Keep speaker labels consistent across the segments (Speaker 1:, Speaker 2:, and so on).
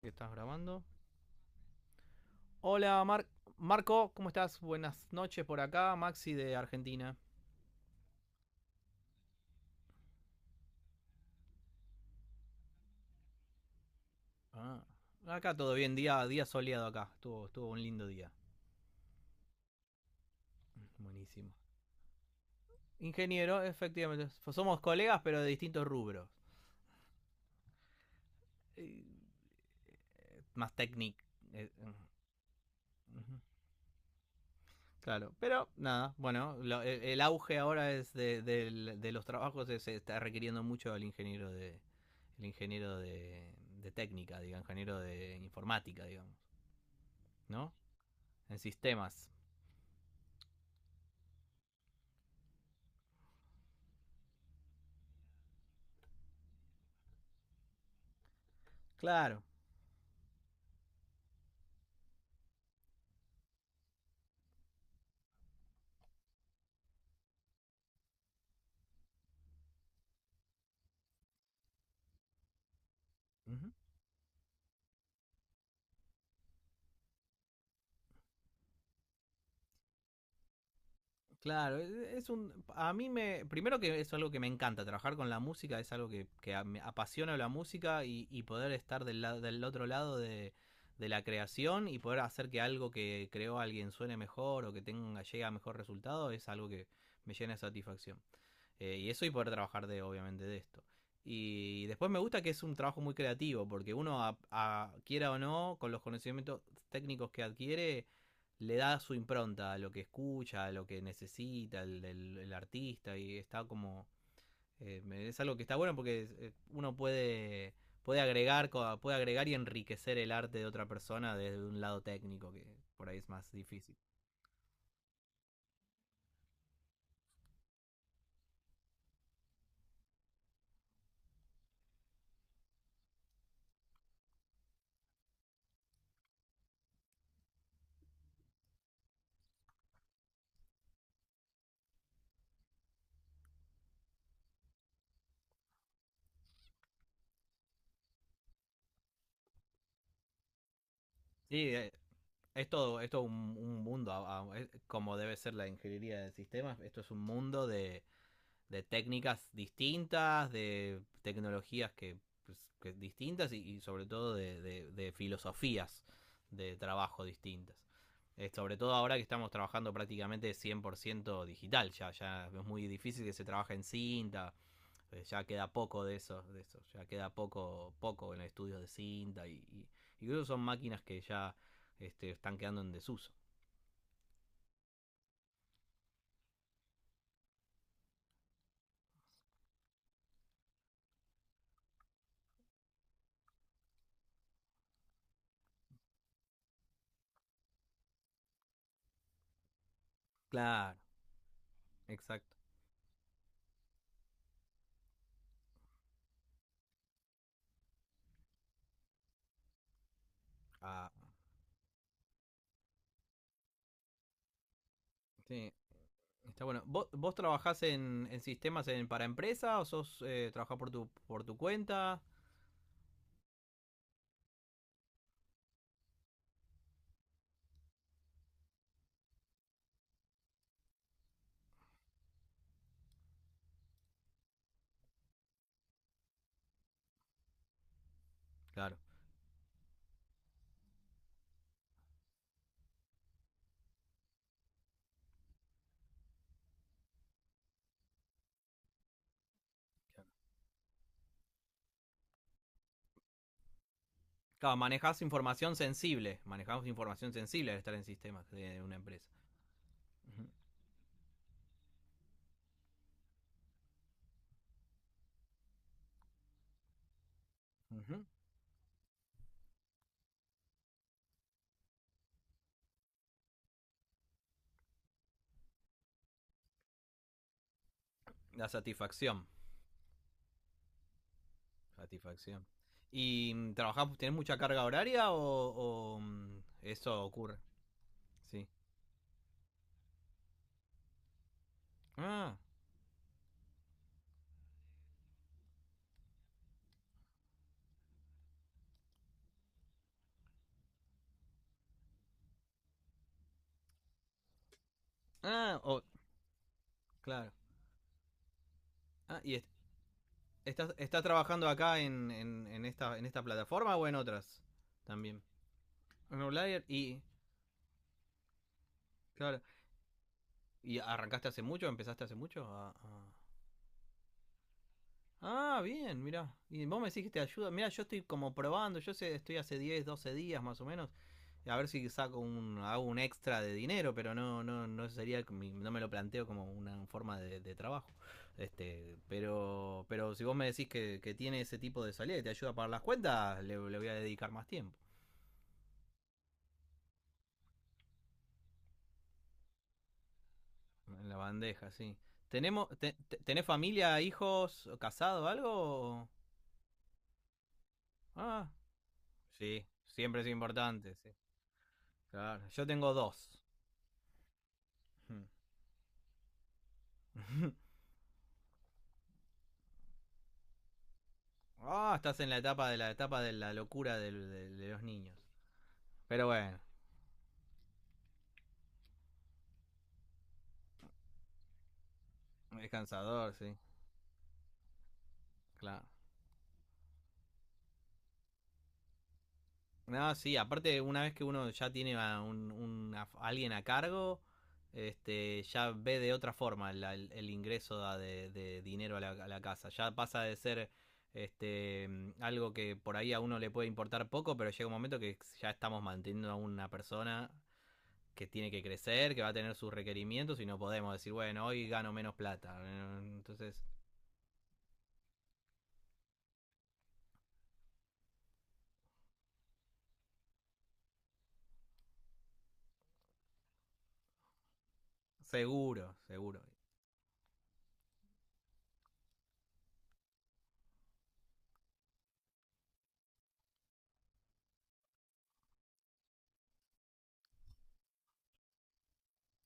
Speaker 1: Que estás grabando. Hola, Marco, ¿cómo estás? Buenas noches por acá, Maxi de Argentina. Ah, acá todo bien, día soleado acá, estuvo un lindo día. Mm, buenísimo. Ingeniero, efectivamente, somos colegas pero de distintos rubros. Eh, Más técnico. Uh-huh. Claro, pero nada, bueno, el auge ahora es de, de los trabajos, se está requiriendo mucho al ingeniero de técnica, ingeniero de informática, digamos, ¿no? En sistemas. Claro. Ujú. Claro. Es un, a mí me, primero que es algo que me encanta, trabajar con la música es algo que, me apasiona la música y poder estar del, del otro lado de la creación y poder hacer que algo que creó alguien suene mejor o que tenga, llegue a mejor resultado es algo que me llena de satisfacción. Y eso, y poder trabajar de, obviamente, de esto. Y después me gusta que es un trabajo muy creativo, porque uno, quiera o no, con los conocimientos técnicos que adquiere, le da su impronta a lo que escucha, a lo que necesita el, el artista, y está eh, es algo que está bueno porque uno puede, agregar, puede agregar y enriquecer el arte de otra persona desde un lado técnico, que por ahí es más difícil. Sí, es todo un, mundo, es como debe ser la ingeniería de sistemas. Esto es un mundo de técnicas distintas, de tecnologías que distintas, y sobre todo de, de filosofías de trabajo distintas. Sobre todo ahora que estamos trabajando prácticamente 100% digital, ya es muy difícil que se trabaje en cinta, ya queda poco de eso, de eso. Ya queda poco, poco en estudios de cinta, y incluso son máquinas que ya este, están quedando en desuso. Claro, exacto. Ah, sí, está bueno. ¿Vos trabajás en, sistemas, para empresa, o sos trabajás por por tu cuenta? Claro. Claro, manejás información sensible. Manejamos información sensible al estar en sistemas de una empresa. Ujú. Ujú. La satisfacción. Satisfacción. ¿Y tenés mucha carga horaria, o eso ocurre? Sí. Ah, ah, oh, claro. Ah, ¿y estás trabajando acá en esta, en esta plataforma, o en otras también? En Outlier y, claro, ¿y arrancaste hace mucho? ¿Empezaste hace mucho Ah, bien, mirá. Y vos me decís que te ayuda. Mirá, yo estoy como probando. Yo sé, estoy hace 10, 12 días más o menos. A ver si saco un, hago un extra de dinero, pero no, no, no sería, no me lo planteo como una forma de, trabajo. Este, pero si vos me decís que tiene ese tipo de salida y te ayuda a pagar las cuentas, le voy a dedicar más tiempo. En la bandeja, sí. ¿Tenés familia, hijos, casado, algo? Ah, sí, siempre es importante, sí. Claro, yo tengo dos. Hmm. Ah, estás en la etapa de la locura, de los niños. Pero bueno, es cansador, sí, claro. No, sí, aparte una vez que uno ya tiene a un, a alguien a cargo, este, ya ve de otra forma el ingreso da de, dinero a a la casa. Ya pasa de ser este, algo que por ahí a uno le puede importar poco, pero llega un momento que ya estamos manteniendo a una persona que tiene que crecer, que va a tener sus requerimientos, y no podemos decir, bueno, hoy gano menos plata. Entonces, seguro, seguro.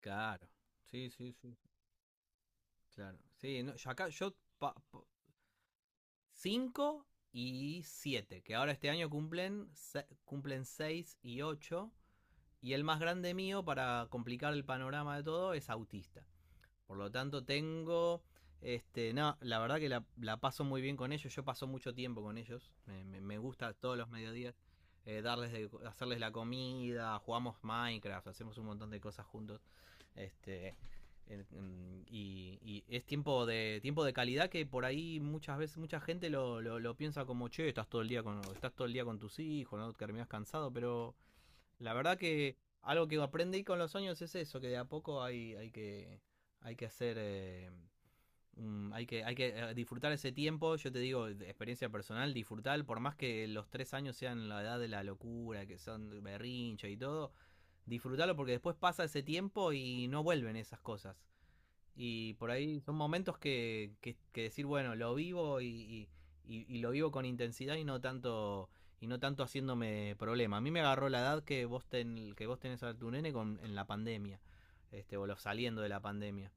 Speaker 1: Claro. Sí, sí, sí. Claro. Sí, no, yo, 5 y 7, que ahora este año cumplen, cumplen 6 y 8. Y el más grande mío, para complicar el panorama de todo, es autista. Por lo tanto, tengo. Este, no, la verdad que la paso muy bien con ellos. Yo paso mucho tiempo con ellos. Me gusta todos los mediodías darles hacerles la comida. Jugamos Minecraft, hacemos un montón de cosas juntos. Este, y es tiempo de calidad, que por ahí muchas veces mucha gente lo piensa como, che, estás todo el día con tus hijos, no terminas cansado, pero la verdad que algo que aprendí con los años es eso, que de a poco hay, hay que hacer, eh, hay que disfrutar ese tiempo. Yo te digo, de experiencia personal, disfrutar, por más que los 3 años sean la edad de la locura, que son berrinche y todo, disfrutarlo, porque después pasa ese tiempo y no vuelven esas cosas. Y por ahí son momentos que, que decir, bueno, lo vivo y lo vivo con intensidad, y no tanto, haciéndome problema. A mí me agarró la edad que vos tenés a tu nene en la pandemia, este, o saliendo de la pandemia.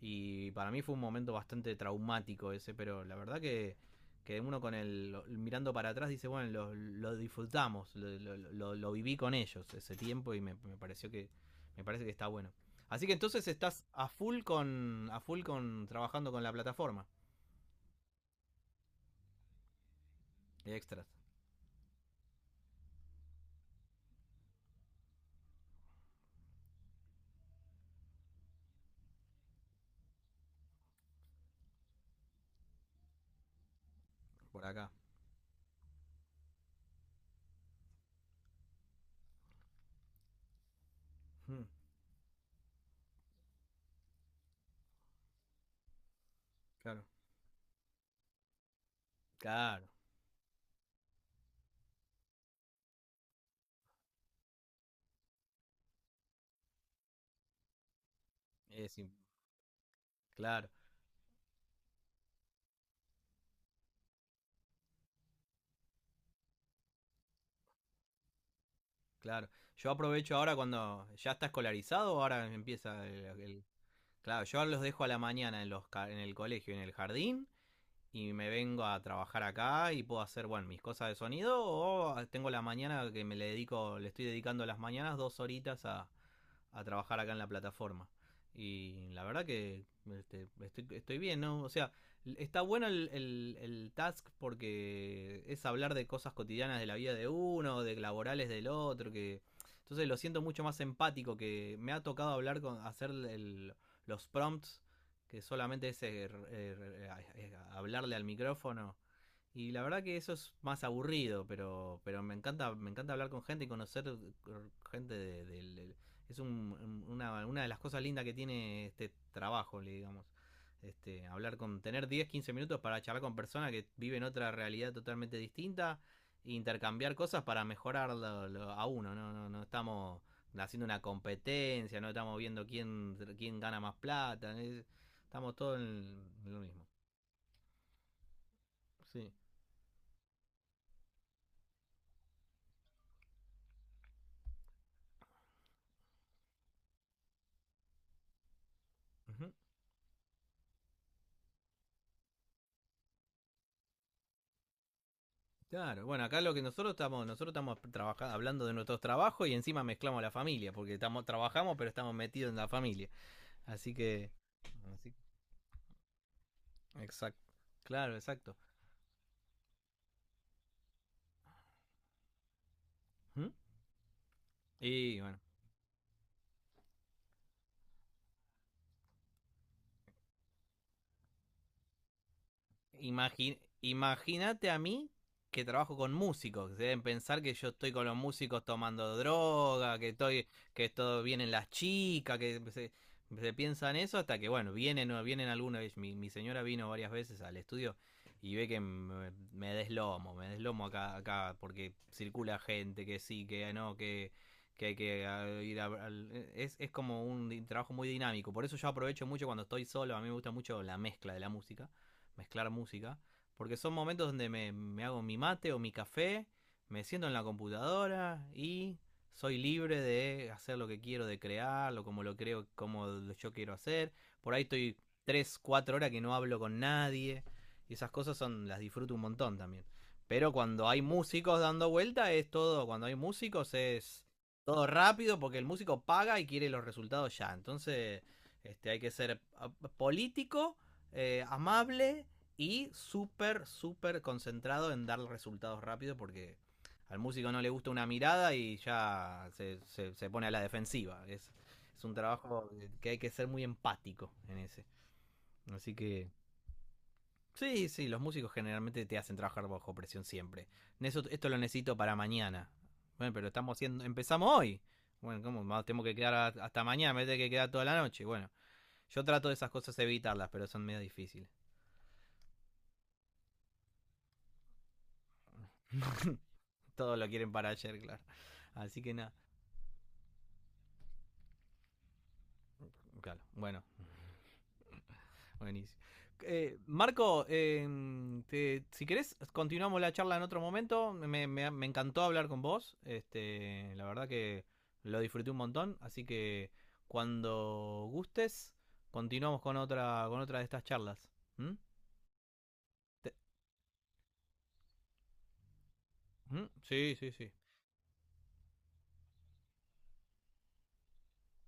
Speaker 1: Y para mí fue un momento bastante traumático ese, pero la verdad que, uno con mirando para atrás dice, bueno, lo disfrutamos, lo viví con ellos ese tiempo, y me me parece que está bueno. Así que entonces estás a full con, a full con trabajando con la plataforma y extras por acá. Hmm. Claro. Claro. Es claro, claro. Yo aprovecho ahora cuando ya está escolarizado, ahora empieza el, claro, yo los dejo a la mañana en los en el colegio, en el jardín, y me vengo a trabajar acá, y puedo hacer, bueno, mis cosas de sonido, o tengo la mañana que le estoy dedicando las mañanas 2 horitas a trabajar acá en la plataforma. Y la verdad que este, estoy bien, ¿no? O sea, está bueno el task, porque es hablar de cosas cotidianas de la vida de uno, de laborales del otro, que. Entonces, lo siento mucho más empático, que me ha tocado hablar hacer los prompts, que solamente es hablarle al micrófono. Y la verdad que eso es más aburrido, pero, me encanta hablar con gente y conocer gente de, de es una de las cosas lindas que tiene este trabajo, digamos. Este, hablar tener 10, 15 minutos para charlar con personas que viven otra realidad totalmente distinta, e intercambiar cosas para mejorar a uno. No, no, no estamos haciendo una competencia, no estamos viendo quién, gana más plata, estamos todos en lo mismo. Sí. Ujú. Claro, bueno, acá lo que nosotros estamos, trabajando, hablando de nuestros trabajos, y encima mezclamos la familia, porque trabajamos, pero estamos metidos en la familia. Así que. Así- Exacto. Claro, exacto. ¿Mm? Y bueno, Imagínate a mí, que trabajo con músicos, que deben pensar que yo estoy con los músicos tomando droga, que todo vienen las chicas, que se piensan eso, hasta que bueno, vienen, o vienen alguna vez. Mi señora vino varias veces al estudio, y ve que me deslomo, me deslomo acá, acá, porque circula gente que sí, que no, que hay que ir es como un trabajo muy dinámico, por eso yo aprovecho mucho cuando estoy solo, a mí me gusta mucho la mezcla de la música, mezclar música, porque son momentos donde me hago mi mate o mi café, me siento en la computadora, y soy libre de hacer lo que quiero, de crearlo, como lo creo, como yo quiero hacer. Por ahí estoy 3, 4 horas que no hablo con nadie. Y esas cosas son las disfruto un montón también. Pero cuando hay músicos dando vuelta es todo, cuando hay músicos es todo rápido, porque el músico paga y quiere los resultados ya. Entonces, este, hay que ser político, amable, y súper, súper concentrado en dar resultados rápido, porque al músico no le gusta una mirada y ya se pone a la defensiva. Es un trabajo que hay que ser muy empático en ese. Así que. Sí, sí, los músicos generalmente te hacen trabajar bajo presión siempre. Eso, esto lo necesito para mañana. Bueno, pero estamos haciendo, empezamos hoy. Bueno, ¿cómo? Tengo que quedar hasta mañana, me tengo que quedar toda la noche. Bueno, yo trato de esas cosas evitarlas, pero son medio difíciles. Todos lo quieren para ayer, claro. Así que nada. Claro, bueno, buenísimo. Marco, si querés, continuamos la charla en otro momento. Me encantó hablar con vos. Este, la verdad que lo disfruté un montón. Así que cuando gustes, continuamos con con otra de estas charlas. ¿Mm? Te- ¿Mm? Sí, sí, sí.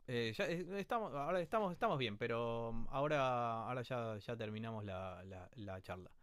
Speaker 1: Ya estamos bien, pero ahora ya terminamos la charla.